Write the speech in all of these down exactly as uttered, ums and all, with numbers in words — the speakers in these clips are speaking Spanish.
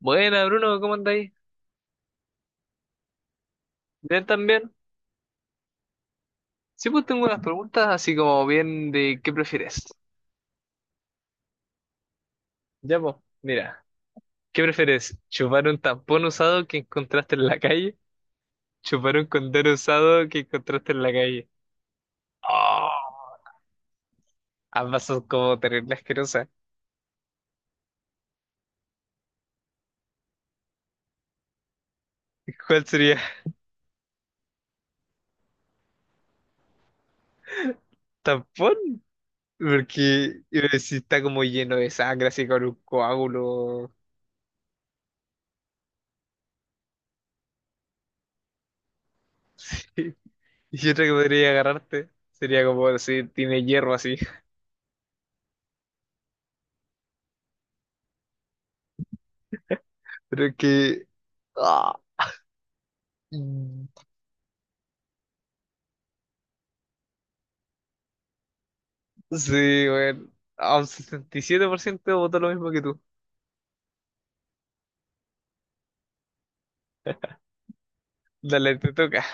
Buena, Bruno, ¿cómo andáis? ¿Bien también? Sí, pues tengo unas preguntas así como bien de ¿qué prefieres? Ya, pues, mira, ¿qué prefieres? ¿Chupar un tampón usado que encontraste en la calle? ¿Chupar un condón usado que encontraste en la calle? ¡Oh! Ambas son como terrible asquerosas. ¿Cuál sería? ¿Tampón? Porque eh, si está como lleno de sangre, así con un coágulo. Y otra que podría agarrarte sería como si tiene hierro así. Pero es que... ¡Ah! Sí, bueno, a un sesenta y siete por ciento votó lo mismo que tú. Dale, te toca.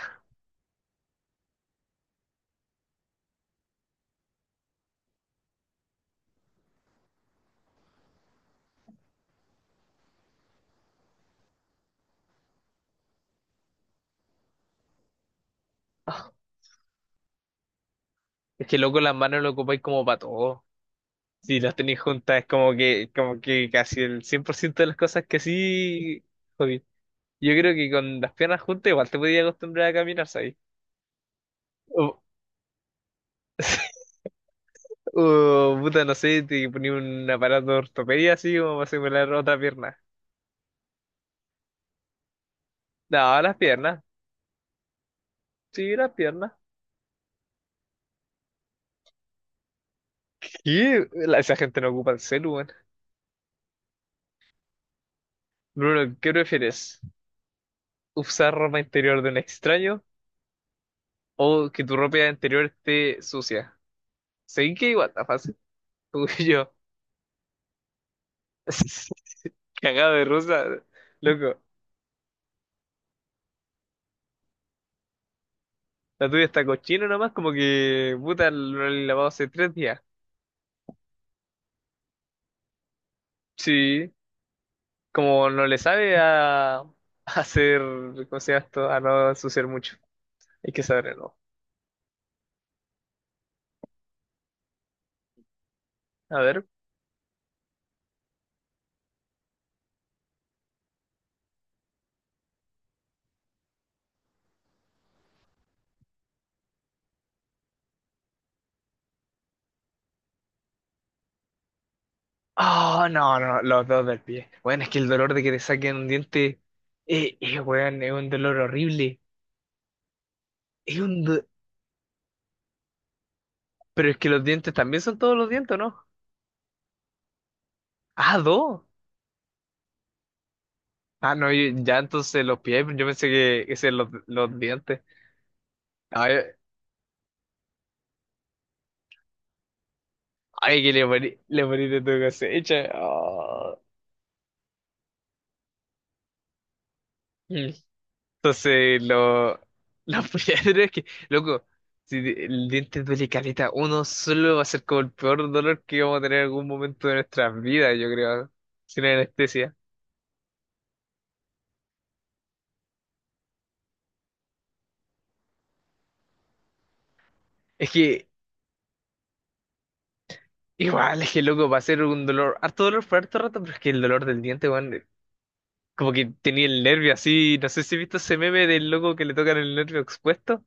Es que loco, las manos lo ocupáis como para todo. Si las tenéis juntas, es como que, como que casi el cien por ciento de las cosas que sí, jodí. Yo creo que con las piernas juntas igual te podías acostumbrar a caminar, ¿sabes? O, o, puta, no sé, te ponía un aparato de ortopedia así como para simular otra pierna. No, las piernas. Sí, las piernas. Y esa gente no ocupa el celu, weón. Bruno, ¿qué prefieres? Usar ropa interior de un extraño o que tu ropa interior esté sucia. Seguí que igual está fácil. Tú y yo, cagado de rusa, loco. La tuya está cochina nomás, como que puta, no la he lavado hace tres días. Sí, como no le sabe a, a hacer, ¿cómo se llama esto? A no ensuciar mucho. Hay que saberlo. A ver. Ah, no, no, los dos del pie. Bueno, es que el dolor de que te saquen un diente, eh, eh, weón, es un dolor horrible. Es un, do- Pero es que los dientes también son todos los dientes, ¿o ¿no? Ah, dos. Ah, no, yo- ya entonces los pies, yo pensé que ese eran los, los dientes. Ay, ay, que le morí, le morí de tu cosecha. Ah. Mm. Entonces, lo, los pies, es que, loco, si el diente duele caleta, uno solo va a ser como el peor dolor que vamos a tener en algún momento de nuestras vidas, yo creo, sin anestesia. Es que, igual, es que, loco, va a ser un dolor, harto dolor por harto rato, pero es que el dolor del diente, weón. Como que tenía el nervio así, no sé si he visto ese meme del loco que le tocan el nervio expuesto.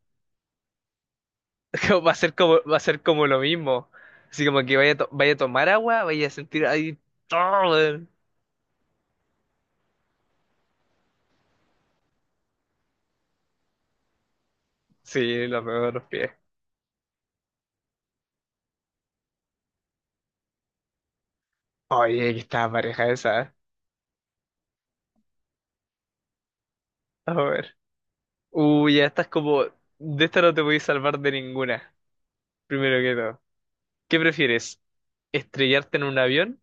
Como va a ser como, va a ser como lo mismo. Así como que vaya, a to- vaya a tomar agua, vaya a sentir ahí todo. Weón. Sí, lo veo de los pies. Oye, que está pareja esa. ¿Eh? A ver. Uy, ya estás como. De esta no te voy a salvar de ninguna. Primero que todo. ¿Qué prefieres? ¿Estrellarte en un avión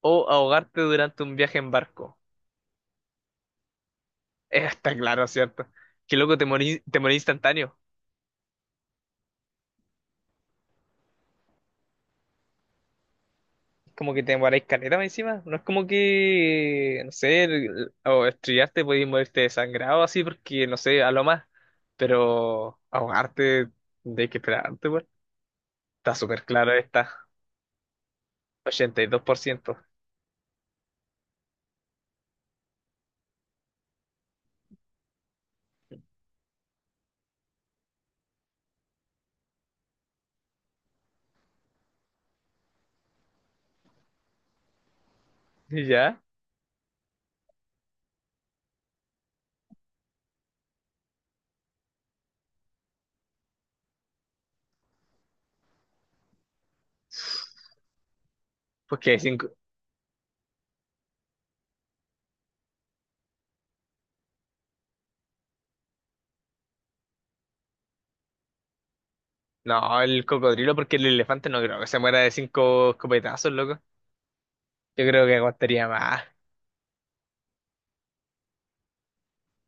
o ahogarte durante un viaje en barco? Eh, Está claro, ¿cierto? Que loco, te morís, te morís instantáneo. Como que te demoráis caleta más encima. No es como que, no sé, el- o estrellarte, podéis morirte desangrado así, porque, no sé, a lo más. Pero ahogarte, de que esperarte, pues. Está súper claro esta. ochenta y dos por ciento. ¿Y dos por ciento. ¿Y ya? Porque hay cinco... No, el cocodrilo, porque el elefante no creo que se muera de cinco escopetazos, loco. Yo creo que aguantaría más.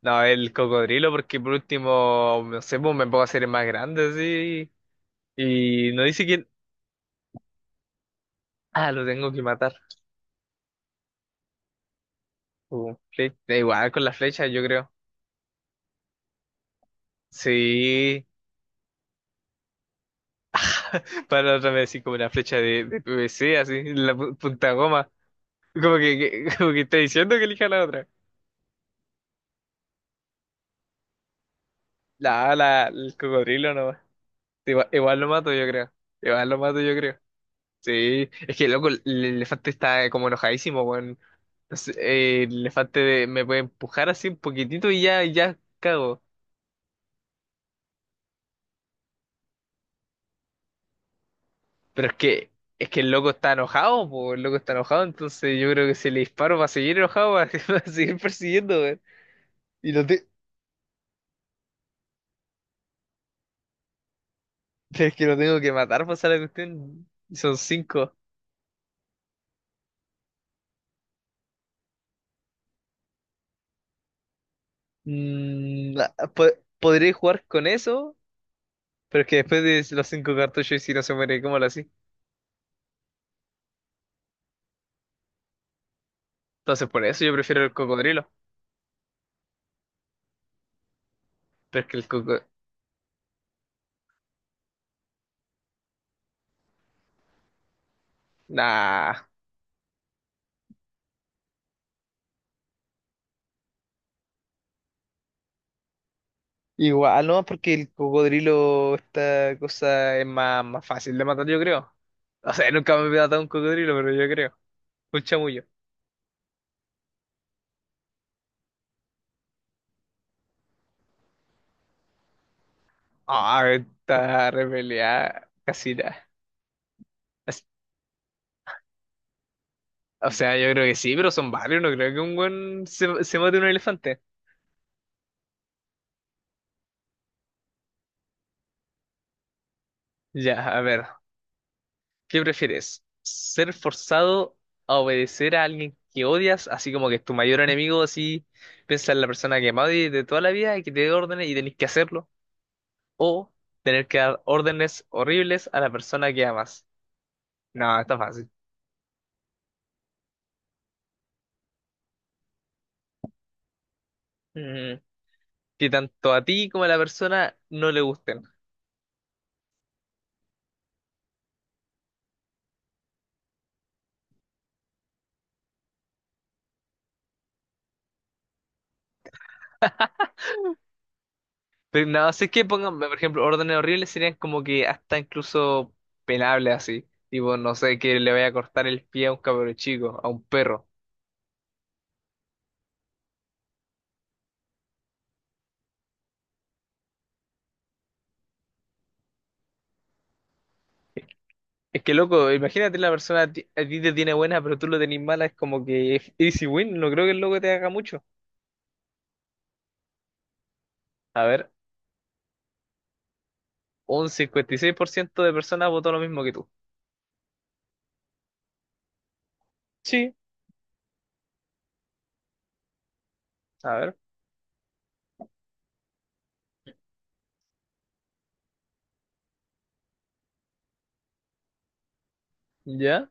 No, el cocodrilo, porque por último, no sé, pues me puedo hacer el más grande, sí. Y no dice que ah, lo tengo que matar. Uh, fle- da igual con la flecha, yo creo. Sí, para otra vez así como una flecha de, de P V C, así, la pu- punta goma. Como que, que- como que está diciendo que elija la otra. La, la, el cocodrilo no. Igual, igual lo mato, yo creo. Igual lo mato, yo creo. Sí, es que loco, el el elefante está como enojadísimo, weón. No sé, eh, el elefante de- me puede empujar así un poquitito y ya, ya cago. Pero es que, es que el loco está enojado, po, el loco está enojado, entonces yo creo que si le disparo va a seguir enojado, va a, va a seguir persiguiendo, weón. Y lo te- es que lo tengo que matar para hacer la cuestión. Y son cinco. Mm, ah, po- Podré jugar con eso, pero es que después de los cinco cartuchos, y si no se muere, ¿cómo lo así? Entonces por eso yo prefiero el cocodrilo. Pero es que el cocodrilo. Nah. Igual, no, porque el cocodrilo, esta cosa es más, más fácil de matar, yo creo. O sea, nunca me he matado un cocodrilo, pero yo creo. Un chamullo. Ah, esta repeleada casi nada. As- O sea, yo creo que sí, pero son varios. No creo que un buen se, se mate un elefante. Ya, a ver. ¿Qué prefieres? ¿Ser forzado a obedecer a alguien que odias? Así como que es tu mayor enemigo, así piensa en la persona que más odias de toda la vida y que te dé órdenes y tenés que hacerlo. O tener que dar órdenes horribles a la persona que amas. No, está fácil. Mm, que tanto a ti como a la persona no le gusten. Pero no, sé qué pongan, por ejemplo, órdenes horribles serían como que hasta incluso penables así. Tipo, no sé, que le vaya a cortar el pie a un cabro chico, a un perro. Es que loco, imagínate la persona a ti, a ti te tiene buena, pero tú lo tenés mala, es como que es easy win, no creo que el loco te haga mucho. A ver, un cincuenta y seis por ciento de personas votó lo mismo que tú. Sí, a ver, ya,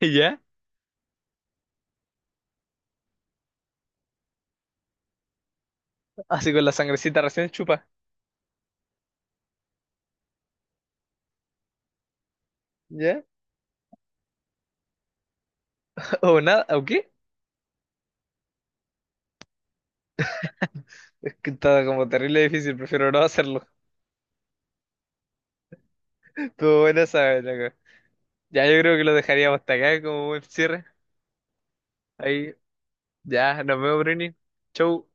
ya, así con la sangrecita recién chupa, ya, o nada, o qué, es que está como terrible difícil, prefiero no hacerlo. Estuvo buena esa, loco. Ya yo creo que lo dejaríamos hasta acá como buen cierre. Ahí, ya, nos vemos, Bruni. Chau.